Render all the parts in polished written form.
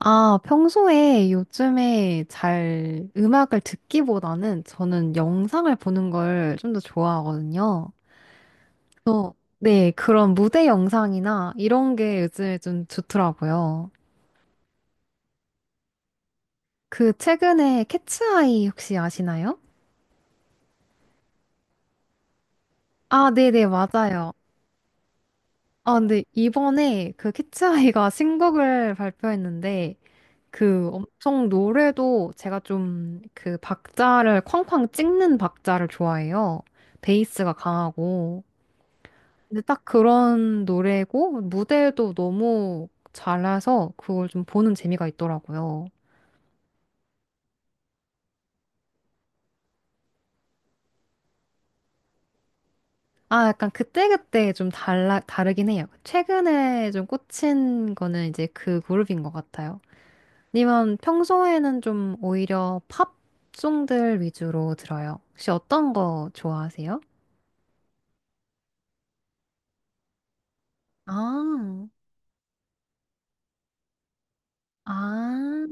아, 평소에 요즘에 잘 음악을 듣기보다는 저는 영상을 보는 걸 좀 더 좋아하거든요. 또, 네, 그런 무대 영상이나 이런 게 요즘에 좀 좋더라고요. 그 최근에 캐츠아이 혹시 아시나요? 아, 네네, 맞아요. 아, 근데 이번에 그 캐츠아이가 신곡을 발표했는데 그 엄청 노래도 제가 좀 그 박자를 쾅쾅 찍는 박자를 좋아해요. 베이스가 강하고. 근데 딱 그런 노래고 무대도 너무 잘라서 그걸 좀 보는 재미가 있더라고요. 아, 약간 그때그때 좀 다르긴 해요. 최근에 좀 꽂힌 거는 이제 그 그룹인 것 같아요. 아니면 평소에는 좀 오히려 팝송들 위주로 들어요. 혹시 어떤 거 좋아하세요? 아. 아,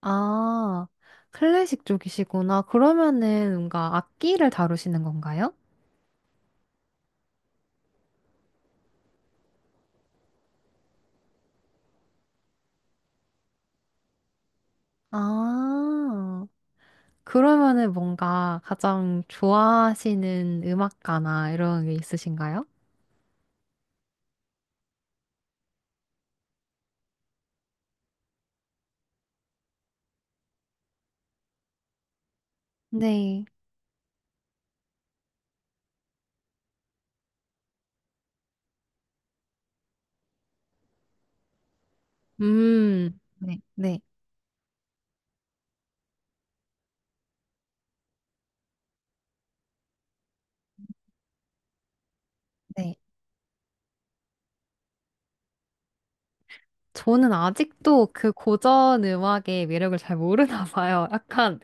아, 클래식 쪽이시구나. 그러면은 뭔가 악기를 다루시는 건가요? 아, 그러면은 뭔가 가장 좋아하시는 음악가나 이런 게 있으신가요? 네. 네, 네, 네. 저는 아직도 그 고전 음악의 매력을 잘 모르나 봐요. 약간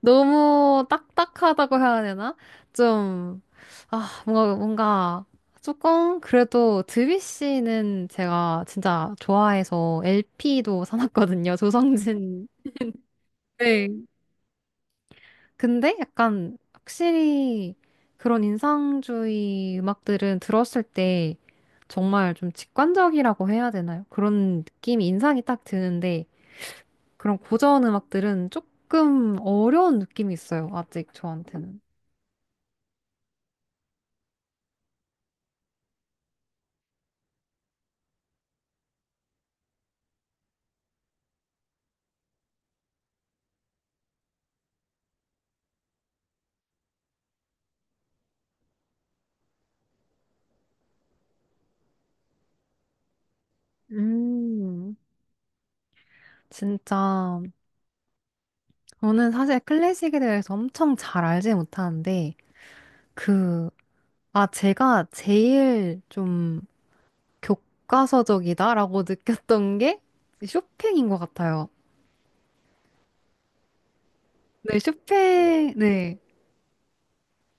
너무 딱딱하다고 해야 되나? 좀, 아, 조금, 그래도 드뷔시는 제가 진짜 좋아해서 LP도 사놨거든요. 조성진. 네. 근데 약간, 확실히, 그런 인상주의 음악들은 들었을 때, 정말 좀 직관적이라고 해야 되나요? 그런 느낌이, 인상이 딱 드는데, 그런 고전 음악들은 조금 어려운 느낌이 있어요. 아직 저한테는. 음, 진짜, 저는 사실 클래식에 대해서 엄청 잘 알지 못하는데, 그, 아, 제가 제일 좀 교과서적이다라고 느꼈던 게 쇼팽인 것 같아요. 네, 쇼팽, 네.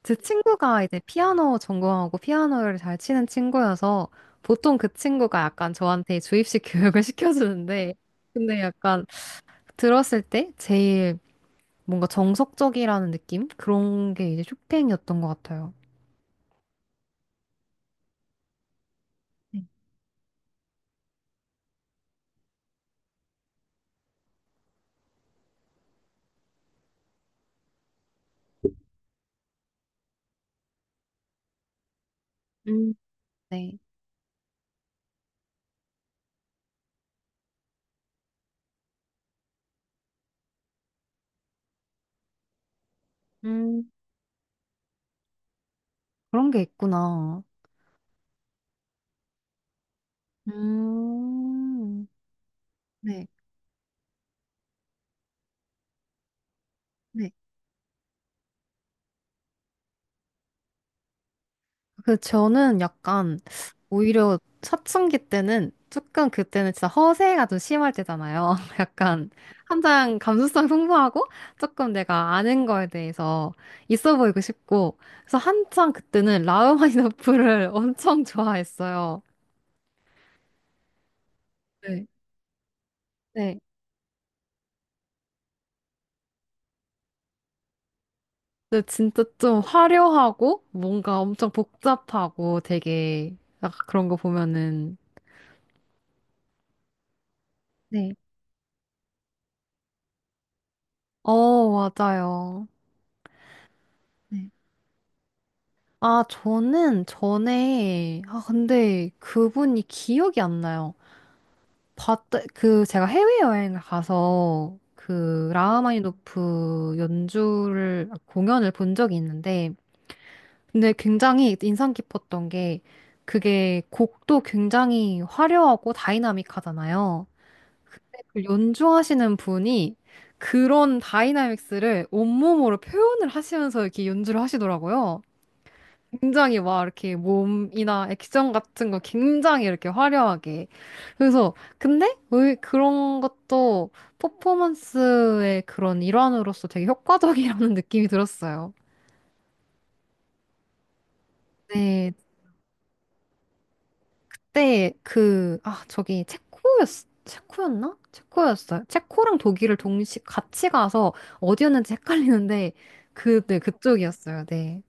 제 친구가 이제 피아노 전공하고 피아노를 잘 치는 친구여서, 보통 그 친구가 약간 저한테 주입식 교육을 시켜주는데, 근데 약간 들었을 때 제일 뭔가 정석적이라는 느낌? 그런 게 이제 쇼팽이었던 것 같아요. 네. 음, 네. 음, 그런 게 있구나. 음. 네, 네. 그 저는 약간 오히려 사춘기 때는 조금 그때는 진짜 허세가 좀 심할 때잖아요. 약간 한창 감수성 풍부하고 조금 내가 아는 거에 대해서 있어 보이고 싶고 그래서 한창 그때는 라흐마니노프를 엄청 좋아했어요. 네. 네. 근데 진짜 좀 화려하고 뭔가 엄청 복잡하고 되게 약간 그런 거 보면은 네. 어, 맞아요. 네. 아, 저는 전에 아 근데 그분이 기억이 안 나요. 봤다 그 제가 해외 여행을 가서 그 라흐마니노프 연주를 공연을 본 적이 있는데 근데 굉장히 인상 깊었던 게 그게 곡도 굉장히 화려하고 다이나믹하잖아요. 그 연주하시는 분이 그런 다이나믹스를 온몸으로 표현을 하시면서 이렇게 연주를 하시더라고요. 굉장히 막 이렇게 몸이나 액션 같은 거 굉장히 이렇게 화려하게. 그래서, 근데 왜 그런 것도 퍼포먼스의 그런 일환으로서 되게 효과적이라는 느낌이 들었어요. 네, 그때 그, 아, 저기 체코였나? 체코였어요. 체코랑 독일을 동시 같이 가서 어디였는지 헷갈리는데 그, 네, 그쪽이었어요. 네.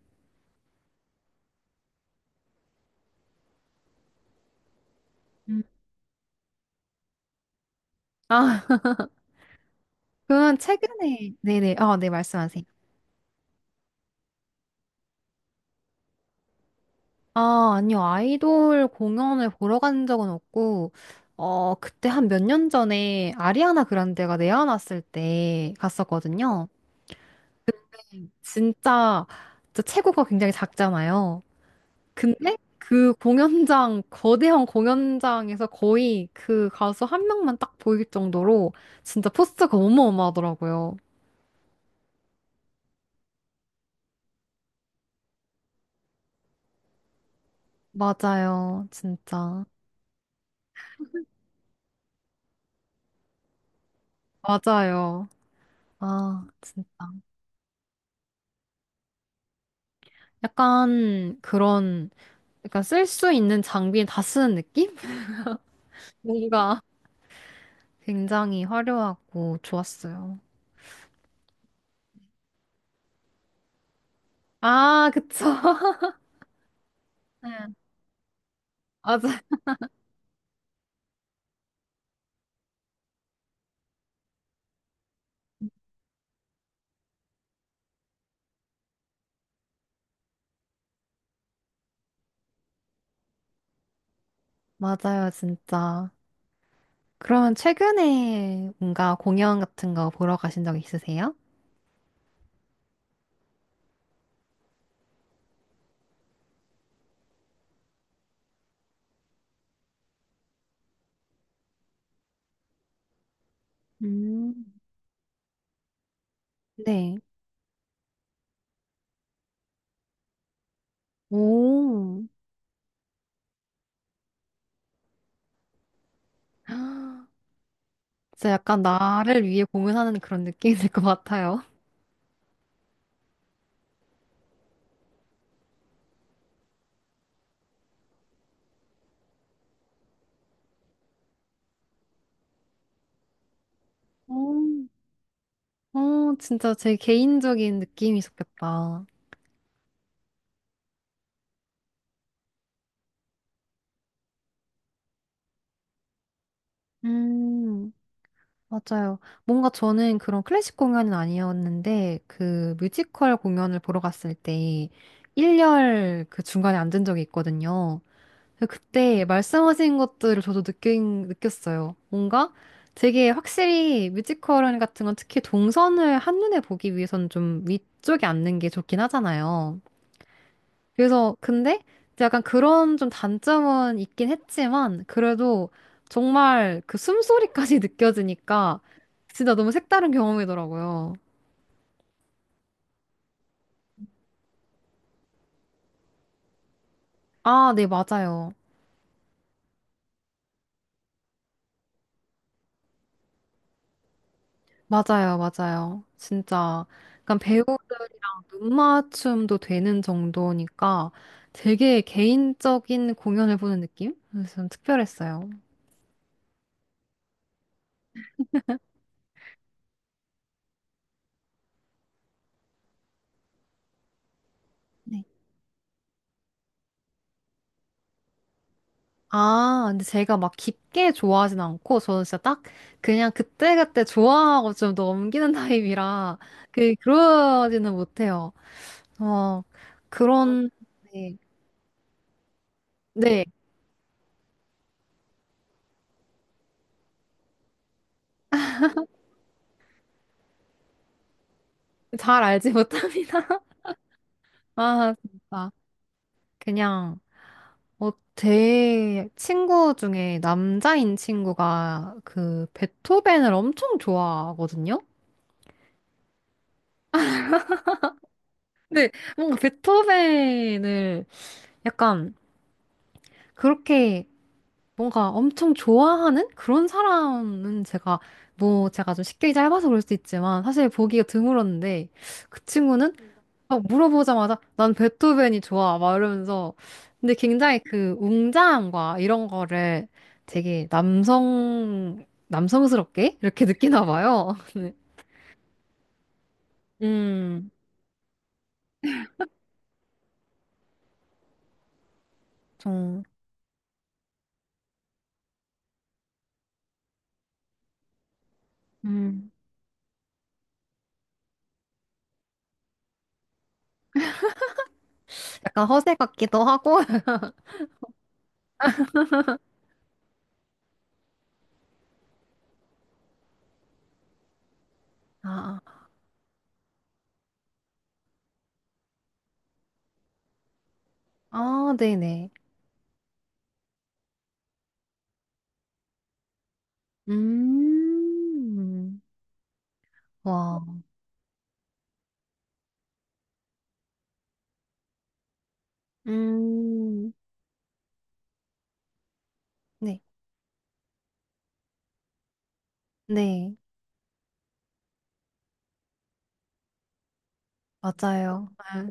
음. 아, 그러면 최근에, 네네, 아, 네, 말씀하세요. 아, 아니요. 아이돌 공연을 보러 간 적은 없고, 어, 그때 한 몇 년 전에 아리아나 그란데가 내한왔을 때 갔었거든요. 진짜, 진짜 체구가 굉장히 작잖아요. 근데 그 공연장, 거대한 공연장에서 거의 그 가수 한 명만 딱 보일 정도로 진짜 포스가 어마어마하더라고요. 맞아요. 진짜. 맞아요. 아, 진짜. 약간 그런, 약간 쓸 수 있는 장비에 다 쓰는 느낌? 뭔가 굉장히 화려하고 좋았어요. 아, 그쵸. 네. 맞아. 맞아요, 진짜. 그러면 최근에 뭔가 공연 같은 거 보러 가신 적 있으세요? 음, 네. 오. 진짜 약간 나를 위해 공연하는 그런 느낌일 것 같아요. 어, 어, 진짜 제 개인적인 느낌이 좋겠다. 음, 맞아요. 뭔가 저는 그런 클래식 공연은 아니었는데, 그 뮤지컬 공연을 보러 갔을 때, 일렬 그 중간에 앉은 적이 있거든요. 그때 말씀하신 것들을 저도 느꼈어요. 뭔가 되게 확실히 뮤지컬 같은 건 특히 동선을 한눈에 보기 위해선 좀 위쪽에 앉는 게 좋긴 하잖아요. 그래서 근데 이제 약간 그런 좀 단점은 있긴 했지만 그래도 정말 그 숨소리까지 느껴지니까 진짜 너무 색다른 경험이더라고요. 아, 네, 맞아요. 맞아요, 맞아요. 진짜. 약간 배우들이랑 눈맞춤도 되는 정도니까 되게 개인적인 공연을 보는 느낌? 그래서 좀 특별했어요. 네. 아, 근데 제가 막 깊게 좋아하진 않고, 저는 진짜 딱 그냥 그때그때 좋아하고 좀 넘기는 타입이라, 그러지는 못해요. 어, 그런, 네. 네. 잘 알지 못합니다. 아, 진짜. 그냥. 어, 제 친구 중에 남자인 친구가 그 베토벤을 엄청 좋아하거든요? 근데 뭔가 베토벤을 약간 그렇게 뭔가 엄청 좋아하는 그런 사람은 제가 뭐 제가 좀 식견이 짧아서 그럴 수도 있지만 사실 보기가 드물었는데 그 친구는 막 물어보자마자 난 베토벤이 좋아 막 이러면서 근데 굉장히 그 웅장함과 이런 거를 되게 남성스럽게 이렇게 느끼나 봐요. 네. 음, 좀 음, 약간 허세 같기도 하고 아, 아, 네네. 음, 와. 음, 네. 네, 맞아요. 아,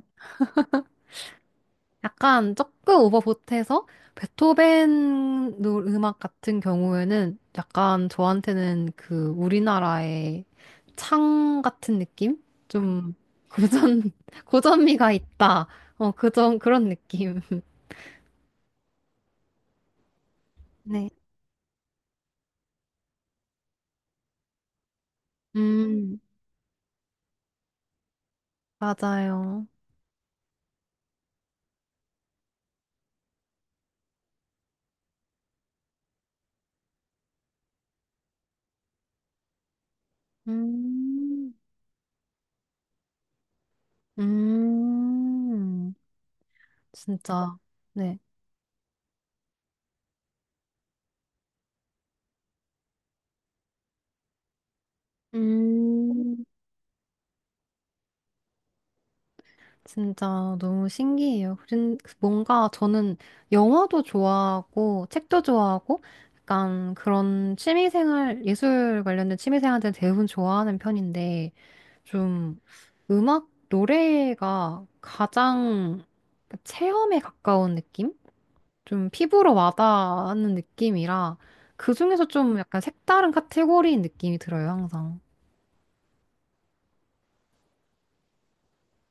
약간 조금 오버보트해서 음악 같은 경우에는 약간 저한테는 그 우리나라의 창 같은 느낌? 좀 고전, 고전미가 있다. 어, 그 좀 그런 느낌. 네. 음, 맞아요. 음, 음, 진짜. 네. 음. 진짜 너무 신기해요. 그런- 뭔가 저는 영화도 좋아하고 책도 좋아하고 약간 그런 취미생활, 예술 관련된 취미생활들은 대부분 좋아하는 편인데 좀 음악, 노래가 가장 체험에 가까운 느낌? 좀 피부로 와닿는 느낌이라 그중에서 좀 약간 색다른 카테고리인 느낌이 들어요, 항상.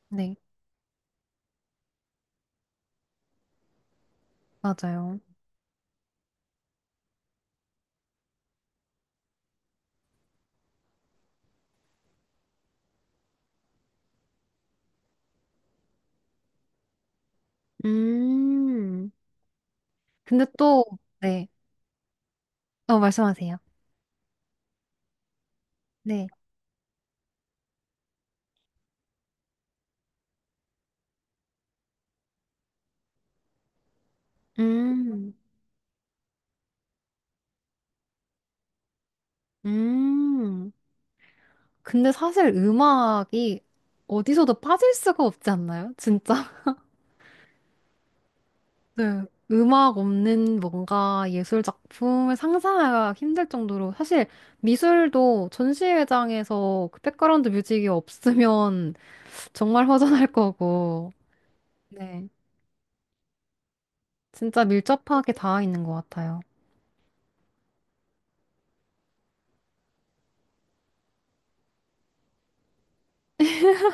네, 맞아요. 음, 근데 또, 네. 어, 말씀하세요. 네. 음, 음. 근데 사실 음악이 어디서도 빠질 수가 없지 않나요? 진짜. 네. 음악 없는 뭔가 예술 작품을 상상하기가 힘들 정도로 사실 미술도 전시회장에서 그 백그라운드 뮤직이 없으면 정말 허전할 거고. 네. 진짜 밀접하게 닿아 있는 것 같아요.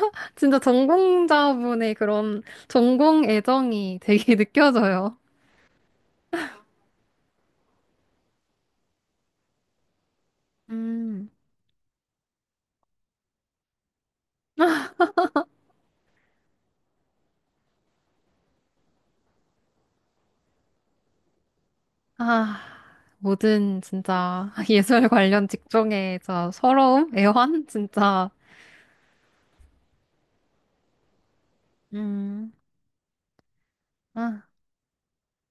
진짜 전공자분의 그런 전공 애정이 되게 느껴져요. 음. 아, 모든 진짜 예술 관련 직종의 진 서러움, 애환, 진짜 음, 아.